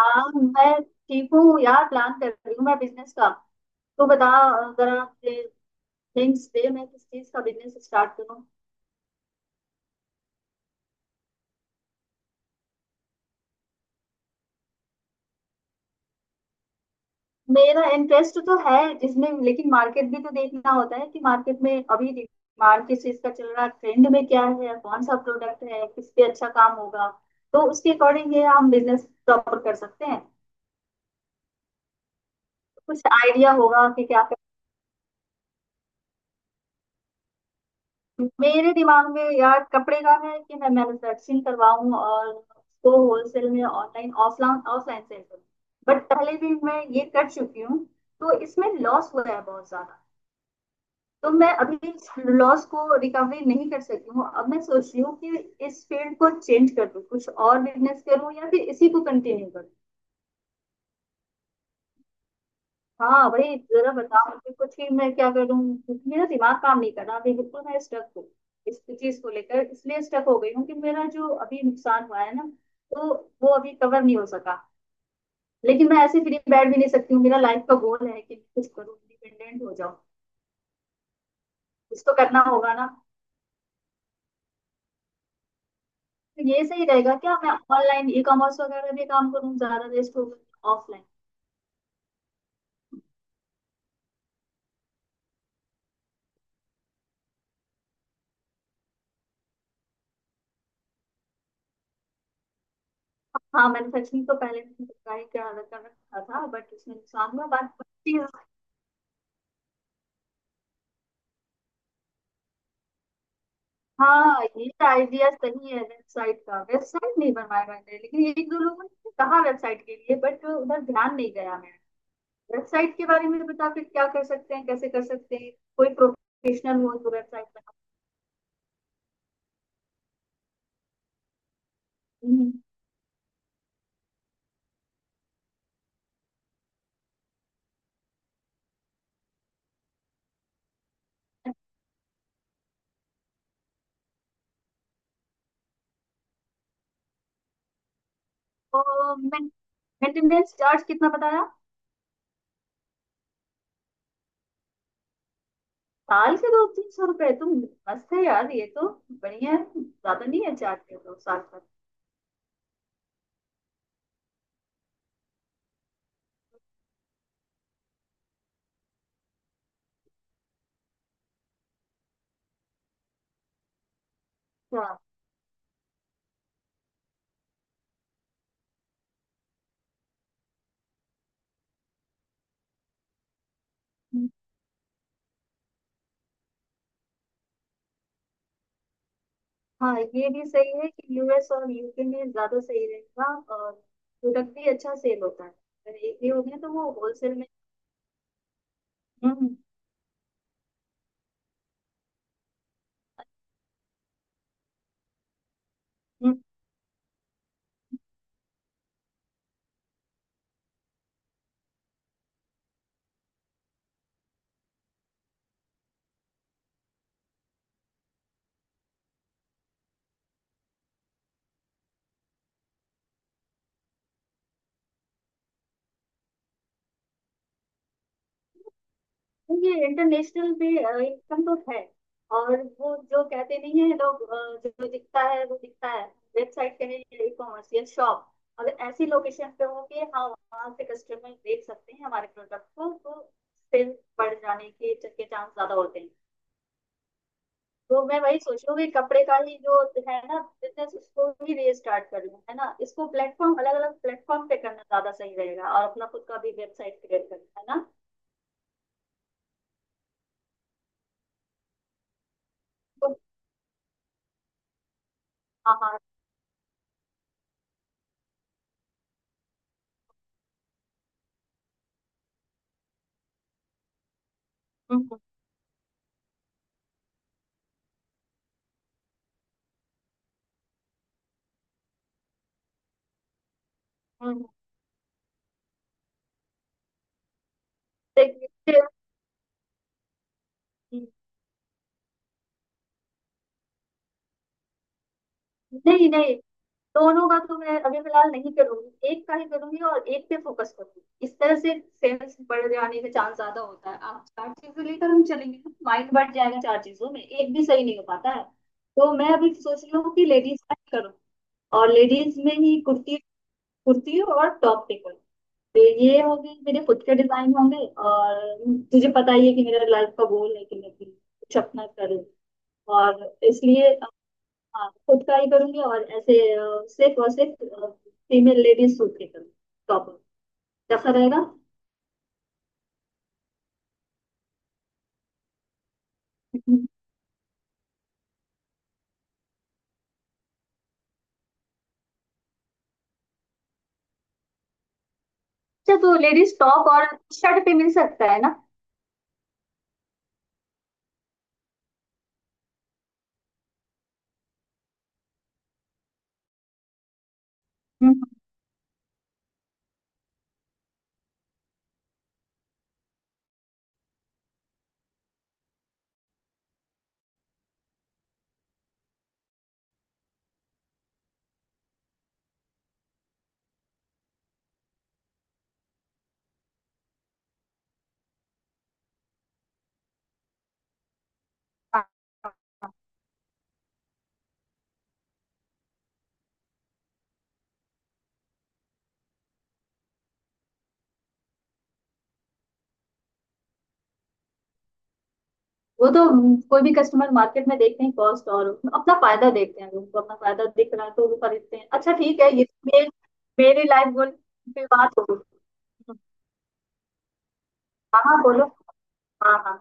हाँ मैं ठीक हूँ यार। प्लान कर रही हूँ मैं बिजनेस का, तो बता जरा थिंक्स दे मैं किस चीज का बिजनेस स्टार्ट करूँ। मेरा इंटरेस्ट तो है जिसमें, लेकिन मार्केट भी तो देखना होता है कि मार्केट में अभी डिमांड किस चीज का चल रहा है, ट्रेंड में क्या है, कौन सा प्रोडक्ट है, किस पे अच्छा काम होगा। तो उसके अकॉर्डिंग ये हम बिजनेस प्रॉपर कर सकते हैं। कुछ आइडिया होगा कि क्या। मेरे दिमाग में यार कपड़े का है कि मैं मैन्युफैक्चरिंग करवाऊं और उसको होलसेल में ऑनलाइन ऑफलाइन ऑफलाइन सेल करूं। बट पहले भी मैं ये कर चुकी हूँ, तो इसमें लॉस हुआ है बहुत ज्यादा। तो मैं अभी लॉस को रिकवरी नहीं कर सकी हूँ। अब मैं सोच रही हूँ कि इस फील्ड को चेंज कर दूं, कुछ और बिजनेस करूँ या फिर इसी को कंटिन्यू करूँ। हाँ वही जरा बताओ मुझे कुछ ही, मैं क्या करूँ। क्योंकि मेरा दिमाग काम नहीं कर रहा अभी, बिल्कुल मैं स्टक हूँ इस चीज को लेकर। इसलिए स्टक हो गई हूँ कि मेरा जो अभी नुकसान हुआ है ना, तो वो अभी कवर नहीं हो सका। लेकिन मैं ऐसे फ्री बैठ भी नहीं सकती हूँ, मेरा लाइफ का गोल है कि कुछ करूँ, इंडिपेंडेंट हो जाऊँ। कुछ तो करना होगा ना। तो ये सही रहेगा क्या मैं ऑनलाइन ई कॉमर्स वगैरह में काम करूँ, ज्यादा बेस्ट होगा ऑफलाइन। हाँ मैन्युफैक्चरिंग तो पहले मैंने ट्राई कर कर रखा था, बट उसमें नुकसान हुआ बात। हाँ ये आइडिया सही है वेबसाइट का। वेबसाइट नहीं बनवाया मैंने, लेकिन एक दो लोगों ने कहा वेबसाइट के लिए, बट उधर ध्यान नहीं गया मैं। वेबसाइट के बारे में बता, फिर क्या कर सकते हैं, कैसे कर सकते हैं। कोई प्रोफेशनल हो तो वेबसाइट बना। हम्म। तो मेंटेनेंस चार्ज कितना बताया। साल के 2-300 रुपए तो मस्त है यार ये तो। बढ़िया है, ज्यादा नहीं है चार्ज के दो साल का। अच्छा। हाँ ये भी सही है कि यूएस और यूके में ज्यादा सही रहेगा। और प्रोडक्ट भी अच्छा सेल होता है, अगर एक भी हो गया तो वो होलसेल में। हम्म। हम्म। ये इंटरनेशनल भी इनकम तो है। और वो जो कहते नहीं है लोग जो दिखता है वो दिखता है। वेबसाइट के लिए ई कॉमर्स या शॉप अगर ऐसी लोकेशन पे हो कि हाँ वहाँ से कस्टमर देख सकते हैं हमारे प्रोडक्ट को, तो सेल बढ़ जाने के चांस ज्यादा होते हैं। तो मैं वही सोच रही हूँ कि कपड़े का ही जो है ना बिजनेस, उसको भी रीस्टार्ट कर लूँ। है ना, इसको प्लेटफॉर्म अलग अलग प्लेटफॉर्म पे करना ज्यादा सही रहेगा, और अपना खुद का भी वेबसाइट क्रिएट करना है ना। तो हाँ हाँ। हम्म, हम्म, हम्म। देखिए फिर- नहीं नहीं, दोनों का तो मैं अभी फिलहाल नहीं करूंगी, एक का ही करूंगी और एक पे फोकस करूंगी। इस तरह से सेल्स बढ़ जाने का चांस ज्यादा होता है। आप चार चीजें लेकर हम चलेंगे तो माइंड बढ़ जाएगा, चार चीजों में एक भी सही नहीं हो पाता है। तो मैं अभी सोच रही हूँ कि लेडीज का ही करूँ। और लेडीज में ही कुर्ती, कुर्ती और टॉप पे कुर्ती। तो ये होगी, मेरे खुद के डिजाइन होंगे। और तुझे पता ही है कि मेरा लाइफ का गोल है कि मैं भी कुछ अपना करूँ। और इसलिए हाँ खुद का ही करूंगी। और ऐसे सिर्फ और सिर्फ फीमेल लेडीज सूट के करूँगी। टॉप कैसा रहेगा। हम्म। अच्छा तो लेडीज टॉप और शर्ट पे मिल सकता है ना। हम्म, हाँ वो तो। कोई भी कस्टमर मार्केट में देखते हैं कॉस्ट, और अपना फायदा देखते हैं। उनको अपना फायदा दिख रहा है तो वो खरीदते हैं। अच्छा ठीक है, ये मेरे मेरी लाइफ गोल पे बात हो गई। हाँ हाँ बोलो। हाँ हाँ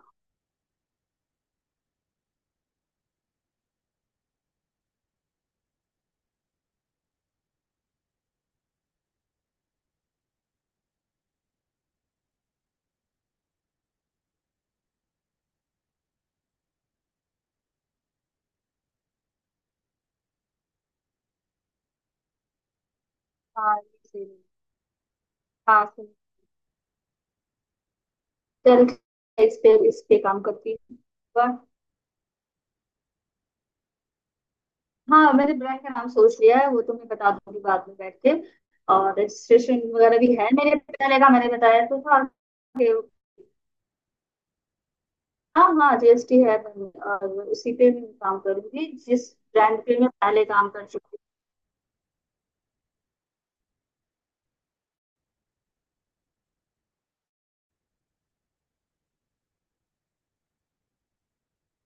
हाँ इसीलिए। हाँ सही। चल ठीक है, इस पे काम करती हूँ। पर- हाँ मैंने ब्रांड का नाम सोच लिया है, वो तो मैं बता दूंगी बाद में बैठ के। और रजिस्ट्रेशन वगैरह भी है मेरे पहले का, मैंने बताया तो था कि। हाँ हाँ जीएसटी है मैम, और उसी पे मैं काम करूंगी जिस ब्रांड पे मैं पहले काम कर चुकी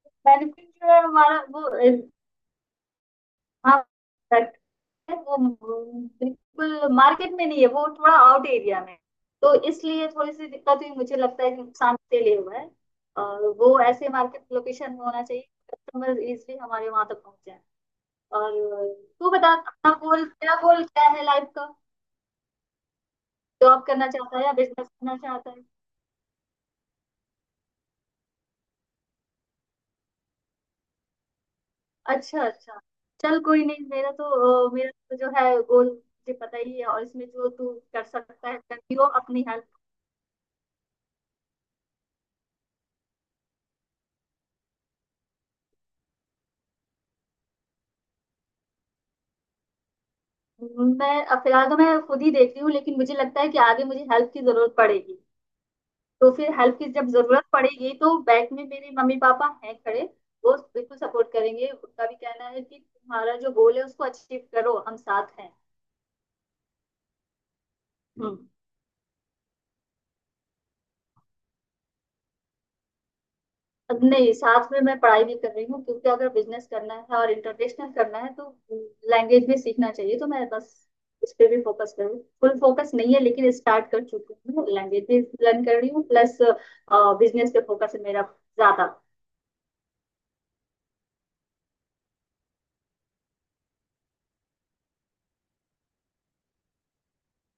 हूँ। बेनिफिट जो है हमारा वो हाँ फैक्ट है वो बिल्कुल मार्केट में नहीं है, वो थोड़ा आउट एरिया में है। तो इसलिए थोड़ी सी दिक्कत हुई, मुझे लगता है कि नुकसान के लिए हुआ है। और वो ऐसे मार्केट लोकेशन होना चाहिए कस्टमर इजिली हमारे वहां तक पहुंच जाए। और तू बता अपना गोल क्या, गोल क्या है लाइफ का। जॉब करना चाहता है या बिजनेस करना चाहता है। अच्छा अच्छा। चल कोई नहीं, मेरा तो मेरा तो जो है गोल मुझे पता ही है, और इसमें जो तू कर सकता है करती हो अपनी हेल्प। मैं फिलहाल तो मैं खुद ही देख रही हूँ, लेकिन मुझे लगता है कि आगे मुझे हेल्प की जरूरत पड़ेगी। तो फिर हेल्प की जब जरूरत पड़ेगी तो बैक में मेरे मम्मी पापा हैं खड़े। वो बिल्कुल सपोर्ट करेंगे, उनका भी कहना है कि तुम्हारा जो गोल है उसको अचीव करो, हम साथ हैं। हम्म। नहीं साथ में मैं पढ़ाई भी कर रही हूँ, क्योंकि अगर बिजनेस करना है और इंटरनेशनल करना है तो लैंग्वेज भी सीखना चाहिए। तो मैं बस इस पे भी फोकस कर रही हूँ, फुल फोकस नहीं है लेकिन स्टार्ट कर चुकी हूँ, लैंग्वेज भी लर्न कर रही हूँ। प्लस बिजनेस पे फोकस है मेरा ज्यादा।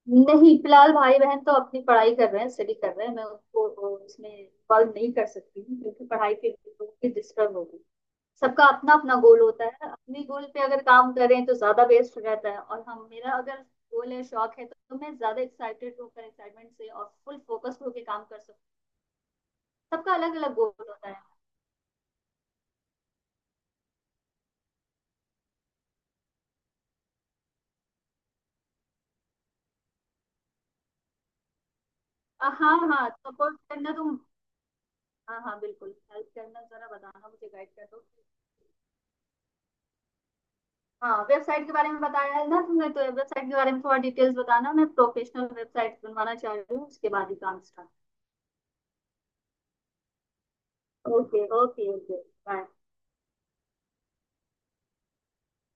नहीं फिलहाल भाई बहन तो अपनी पढ़ाई कर रहे हैं, स्टडी कर रहे हैं, मैं उनको इसमें इन्वॉल्व नहीं कर सकती हूँ क्योंकि पढ़ाई के लिए डिस्टर्ब होगी। सबका अपना अपना गोल होता है, अपने गोल पे अगर काम करें तो ज्यादा बेस्ट रहता है। और हम मेरा अगर गोल है शौक है तो मैं ज्यादा एक्साइटेड होकर, एक्साइटमेंट से और फुल फोकस्ड होकर काम कर सकती। सबका अलग अलग गोल होता है। आ, हाँ हाँ सपोर्ट करना तुम। हाँ हाँ बिल्कुल हेल्प करना, जरा बताना मुझे, गाइड कर दो। हाँ वेबसाइट के बारे में बताया है ना तुमने, तो वेबसाइट के बारे में थोड़ा डिटेल्स बताना, मैं प्रोफेशनल वेबसाइट बनवाना चाह रही हूँ उसके बाद ही काम start. Okay okay okay. Bye.